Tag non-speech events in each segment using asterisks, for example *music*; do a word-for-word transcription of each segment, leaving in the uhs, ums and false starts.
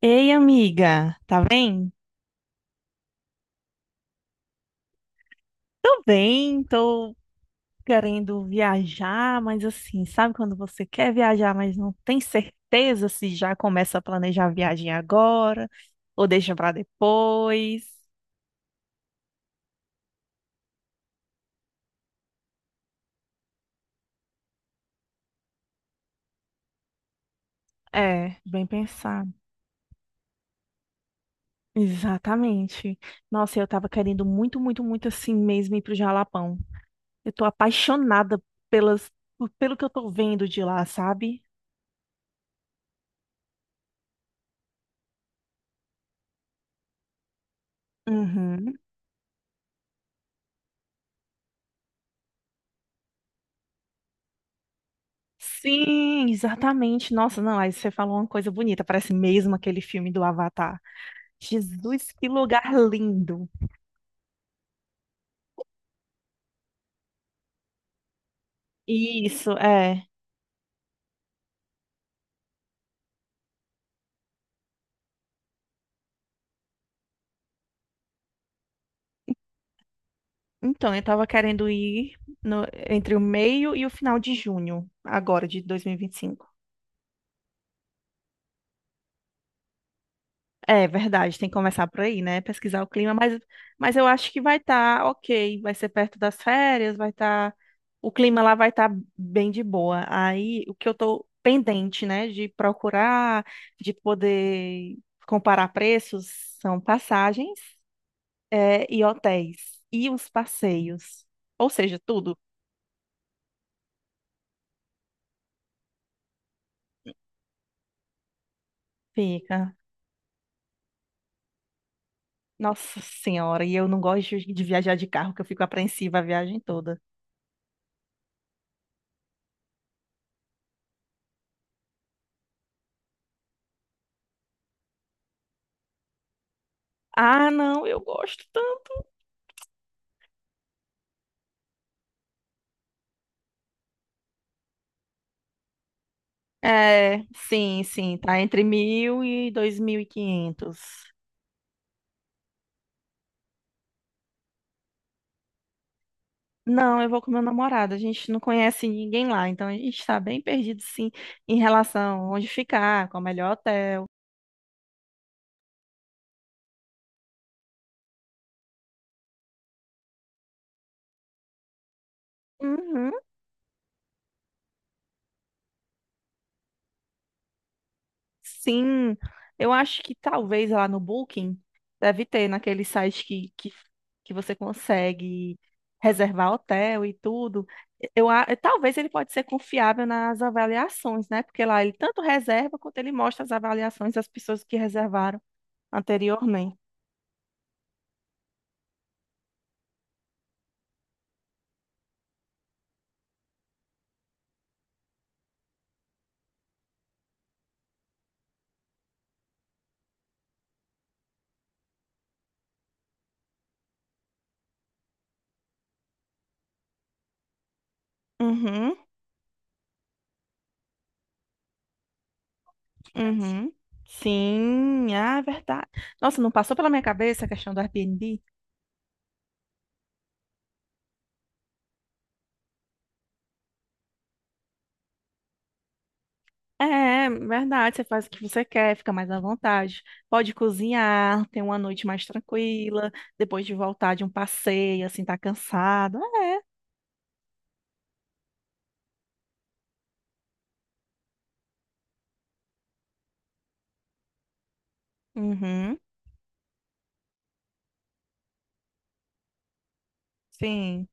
Ei, amiga, tá bem? Tô bem, tô querendo viajar, mas assim, sabe quando você quer viajar, mas não tem certeza se já começa a planejar a viagem agora ou deixa pra depois? É, bem pensado. Exatamente. Nossa, eu tava querendo muito, muito, muito assim mesmo ir pro Jalapão. Eu tô apaixonada pelas, por- pelo que eu tô vendo de lá, sabe? Uhum. Sim, exatamente. Nossa, não, aí você falou uma coisa bonita, parece mesmo aquele filme do Avatar. Jesus, que lugar lindo. Isso, é. Então, eu tava querendo ir no- entre o meio e o final de junho, agora de dois mil e vinte e cinco. É verdade, tem que começar por aí, né? Pesquisar o clima, mas, mas eu acho que vai estar ok, vai ser perto das férias, vai estar. O clima lá vai estar bem de boa. Aí o que eu tô pendente, né, de procurar, de poder comparar preços, são passagens, é, e hotéis, e os passeios. Ou seja, tudo fica. Nossa Senhora, e eu não gosto de de viajar de carro, que eu fico apreensiva a viagem toda. Ah, não, eu gosto. É, sim, sim, tá entre mil e dois mil e quinhentos. Não, eu vou com meu namorado. A gente não conhece ninguém lá, então a gente tá bem perdido, sim, em relação a onde ficar, qual o melhor hotel. Uhum, sim, eu acho que talvez lá no Booking deve ter naquele site que, que, que você consegue reservar hotel e tudo. Eu, a- talvez ele pode ser confiável nas avaliações, né? Porque lá ele tanto reserva quanto ele mostra as avaliações das pessoas que reservaram anteriormente. Uhum, uhum. Sim, ah, é verdade. Nossa, não passou pela minha cabeça a questão do Airbnb? É, verdade, você faz o que você quer, fica mais à vontade. Pode cozinhar, ter uma noite mais tranquila, depois de voltar de um passeio, assim, tá cansado. É. Uhum, sim.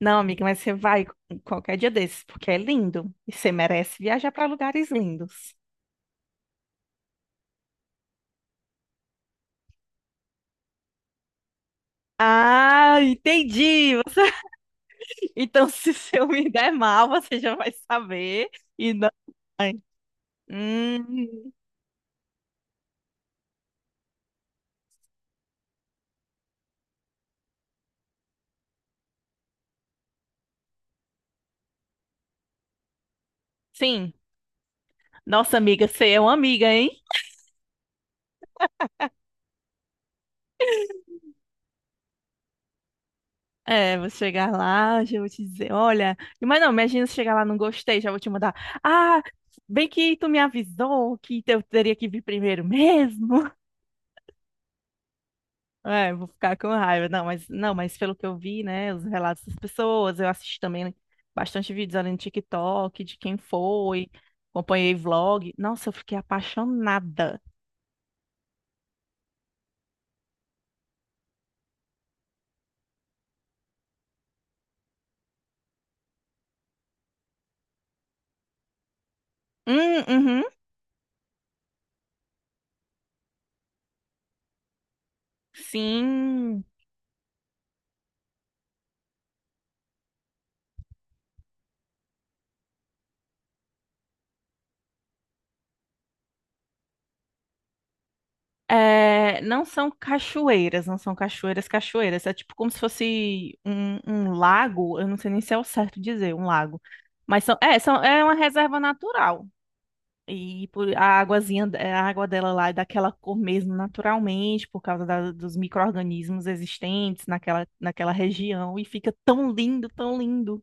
Não, amiga, mas você vai qualquer dia desses, porque é lindo. E você merece viajar para lugares lindos. Ah, entendi! Então, *laughs* se se eu me der mal, você já vai saber e não vai. Hum, sim. Nossa, amiga, você é uma amiga, hein? É, vou chegar lá, já vou te dizer, olha, mas não, imagina se chegar lá, não gostei, já vou te mandar. Ah, bem que tu me avisou que eu teria que vir primeiro mesmo. É, vou ficar com raiva. Não, mas não, mas pelo que eu vi, né, os relatos das pessoas, eu assisti também bastante vídeos ali no TikTok de quem foi, acompanhei vlog. Nossa, eu fiquei apaixonada. Hum, uhum, sim. É, não são cachoeiras, não são cachoeiras, cachoeiras. É tipo como se fosse um, um lago, eu não sei nem se é o certo dizer, um lago. Mas são, é, são, é uma reserva natural. E por, a aguazinha, a água dela lá é daquela cor mesmo, naturalmente, por causa da- dos micro-organismos existentes naquela, naquela região. E fica tão lindo, tão lindo.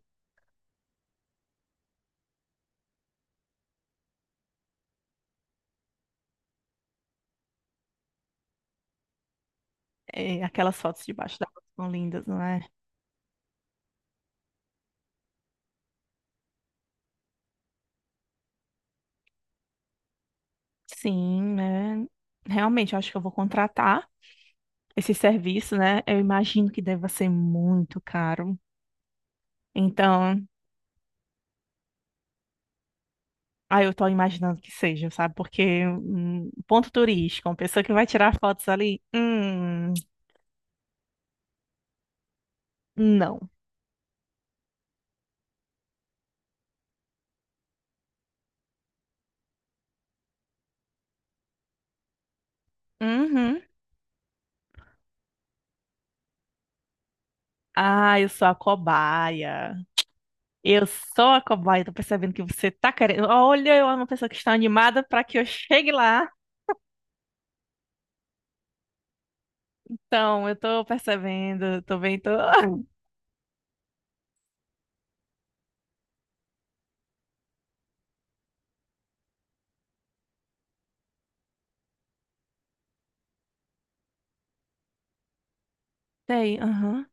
É, aquelas fotos debaixo da água são lindas, não é? Sim, né? Realmente, eu acho que eu vou contratar esse serviço, né? Eu imagino que deva ser muito caro. Então, ah, eu tô imaginando que seja, sabe? Porque um ponto turístico, uma pessoa que vai tirar fotos ali, hum, não. Uhum. Ah, eu sou a cobaia. Eu sou a cobaia. Tô percebendo que você tá querendo. Olha, eu amo uma pessoa que está animada para que eu chegue lá. Então, eu tô percebendo. Tô bem, tô. *laughs* Sei, aham.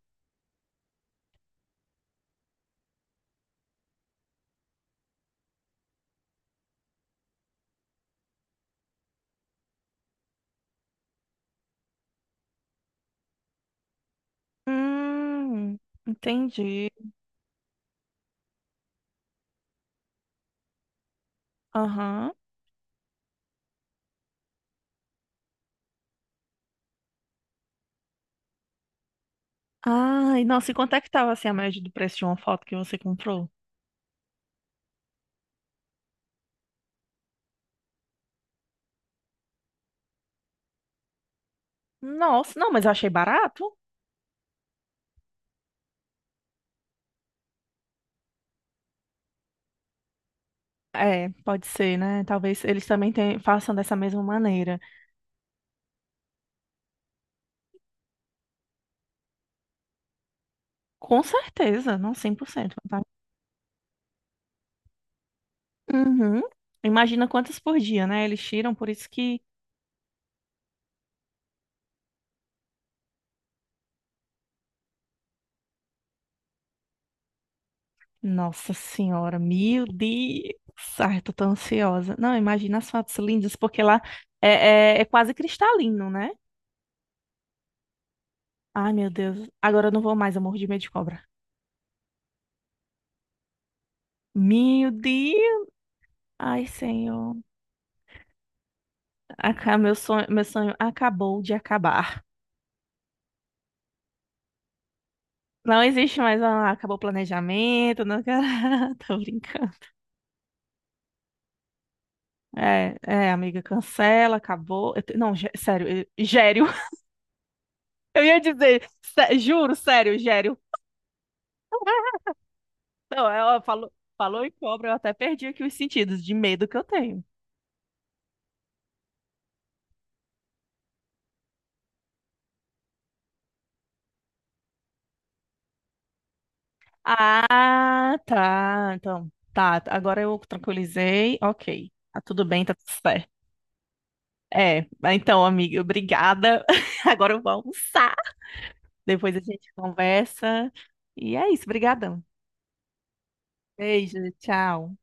Hum, entendi. Aham. Ai, nossa, e quanto é que tava assim a média do preço de uma foto que você comprou? Nossa, não, mas eu achei barato. É, pode ser, né? Talvez eles também tenham- façam dessa mesma maneira. Com certeza, não. Cem por cento. Uhum. Imagina quantas por dia, né? Eles tiram, por isso que. Nossa Senhora, meu Deus! Ai, eu tô tão ansiosa. Não, imagina as fotos lindas, porque lá é, é, é quase cristalino, né? Ai, meu Deus. Agora eu não vou mais, eu morro de medo de cobra. Meu Deus! Ai, Senhor. Aca- Meu sonho, meu sonho acabou de acabar. Não existe mais. Ah, acabou o planejamento. Não... quero- *laughs* Tô brincando. É, é, amiga, cancela, acabou. Eu te- Não, gé- sério, eu- gério. Eu ia dizer, sé- juro, sério, Gério. Não, ela falou, falou em cobra, eu até perdi aqui os sentidos de medo que eu tenho. Ah, tá. Então, tá. Agora eu tranquilizei. Ok. Tá tudo bem, tá tudo certo. É, mas então, amiga, obrigada. *laughs* Agora eu vou almoçar. Depois a gente conversa. E é isso, brigadão. Beijo, tchau.